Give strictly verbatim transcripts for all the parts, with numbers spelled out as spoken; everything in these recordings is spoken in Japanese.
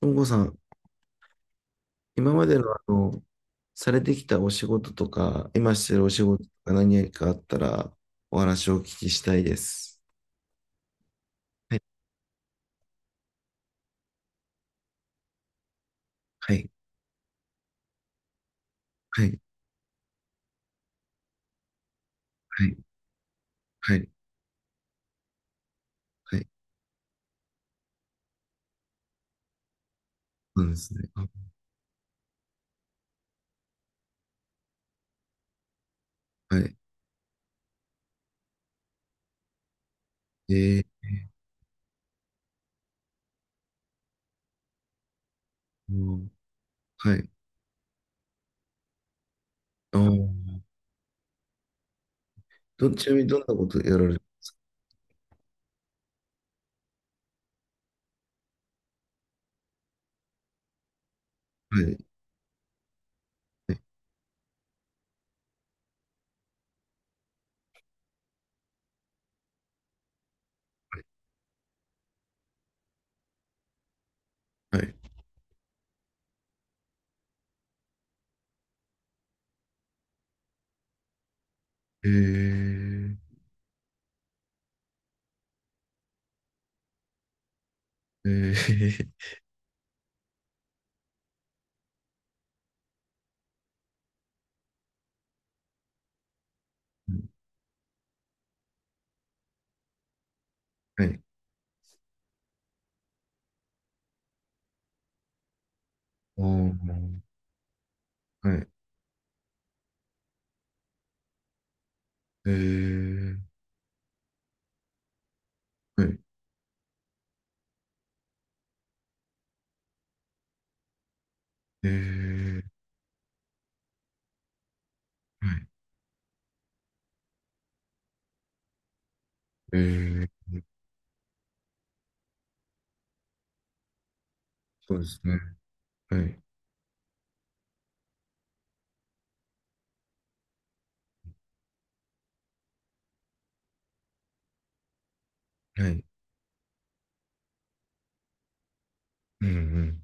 本郷さん、今までの、あの、されてきたお仕事とか、今してるお仕事とか何かあったら、お話をお聞きしたいです。はい、はい、はい、はい、はい、はい。そうですね。あはい。えー、うん、はい。あーど、ちなみにどんなことやられる。はい、はい、はい。えー、えー、はい。あーはい。えー、はい。えー、はい。えー、そうですね。はい。はい。うん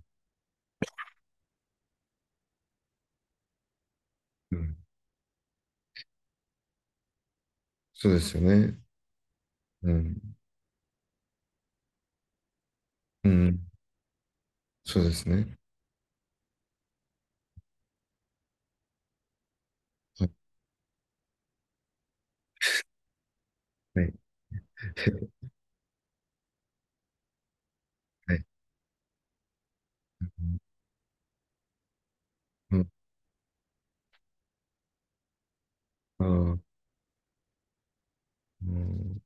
うんうん。そうですよね。うん。うん。そうですね。はい。はい。はい。うん。ああ、うん。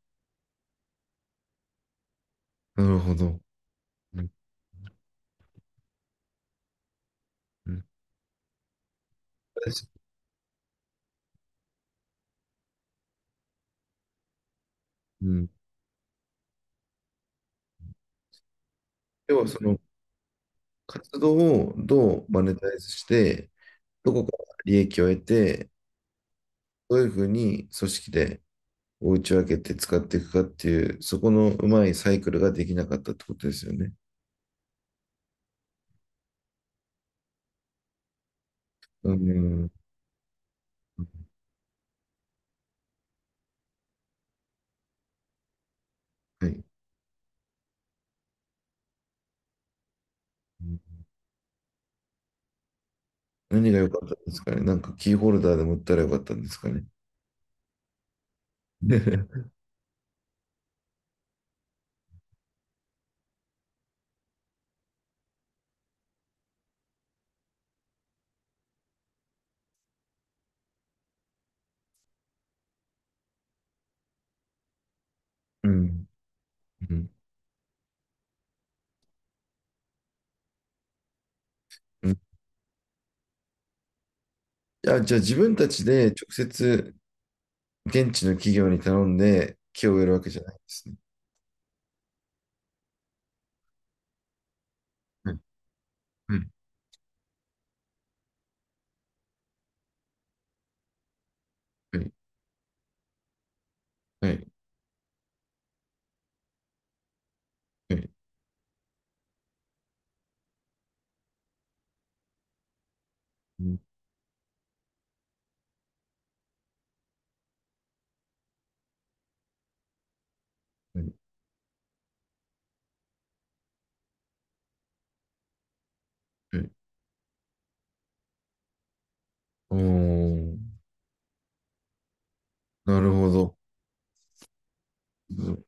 なるほど。うん。うん。私うん。では、その活動をどうマネタイズして、どこから利益を得て、どういうふうに組織でお打ち分けて使っていくかっていう、そこのうまいサイクルができなかったってことですよね。うん。はい。何が良かったんですかね。なんかキーホルダーでも売ったら良かったんですかね。うん。うん。うんじゃあ、じゃあ自分たちで直接現地の企業に頼んで木を植えるわけじゃないんですね。はいはいはいはいはいうんはいはいおー、なるほど。うん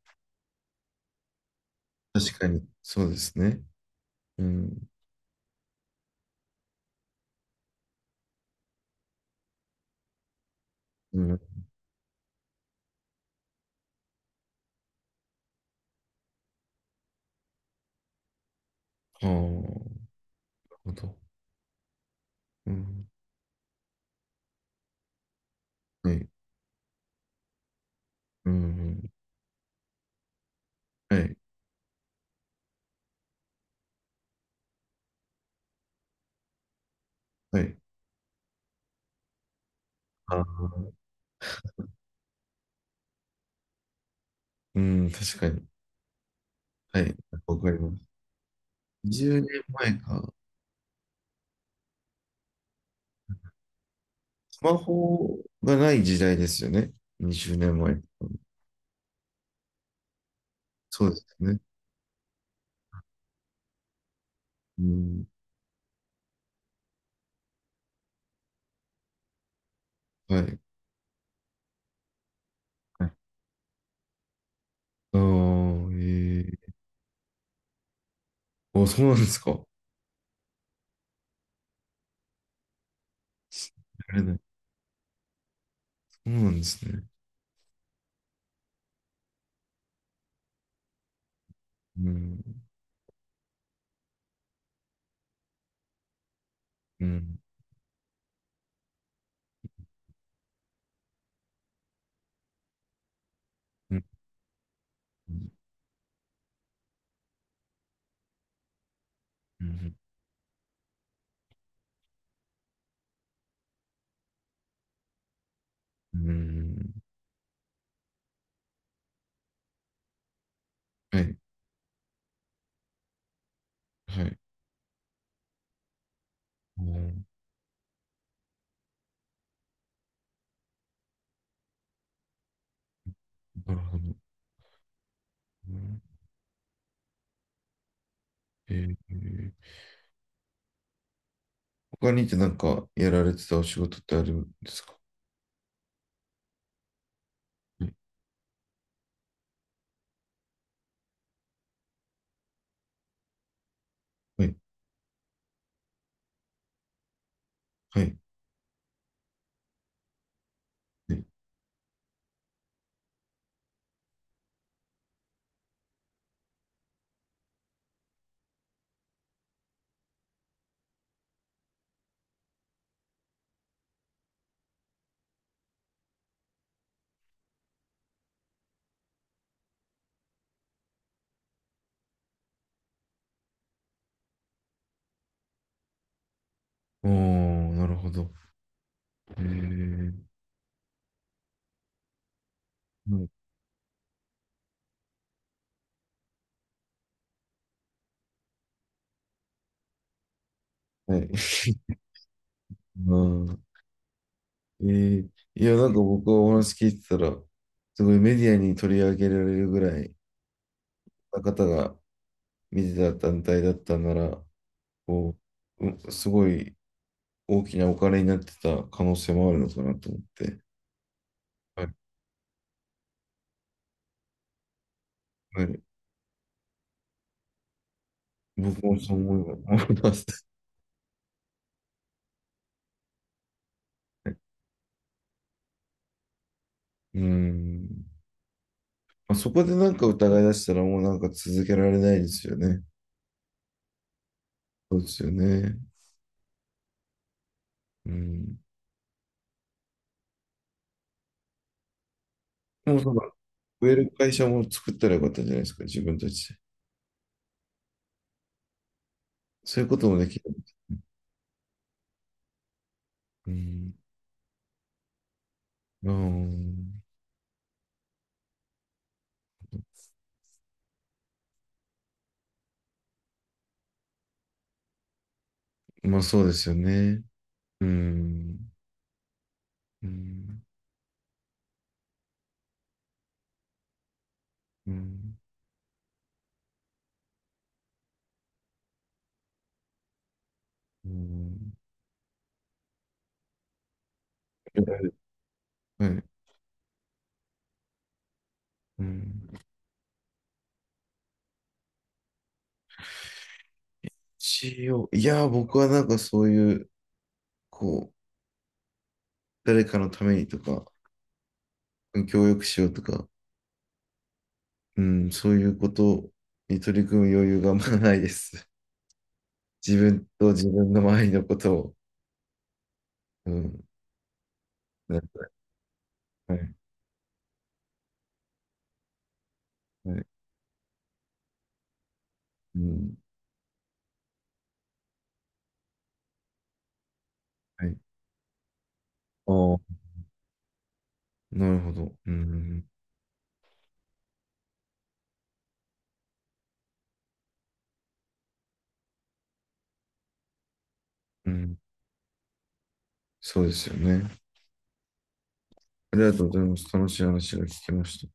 確かに、そうですね。うん。うん。はあ、なるほど。うん。はい。うん。はい。はい。あー、うん、確かに。はい。わかります。にじゅうねんまえか。スマホがない時代ですよね。にじゅうねんまえ。そうですね。うん。はい。はいああ、ええあ、そうなんですか。やれない。そうなんですね。うん。うん。うん。うん。うん。うんはい。はい。ああ、なるほど。うんええ他にってなんかやられてたお仕事ってあるんですか。はいはい。はい。はいおー、なるほど。ええはい。はい。あーえーいや、なんか僕はお話聞いてたら、すごいメディアに取り上げられるぐらいな方が見てた団体だったなら、こう、うすごい大きなお金になってた可能性もあるのかなと思って、はい、はい、僕もそう思い思います。うん。まあ、そこでなんか疑い出したらもうなんか続けられないですよね。そうですよね。うん。もうその、植える会社も作ったらよかったんじゃないですか、自分たちで。そういうこともできる。うん。うん。まあそうですよね。うん。うん。うん。うんはい。うん。c e いやー、僕はなんかそういう、こう、誰かのためにとか、協力しようとか、うん、そういうことに取り組む余裕があんまないです。自分と自分の周りのことを。うん。なんかはい。はい。うん。はい。ああ、なるほど。うん。うん。そうですよね。ありがとうございます。楽しい話が聞けました。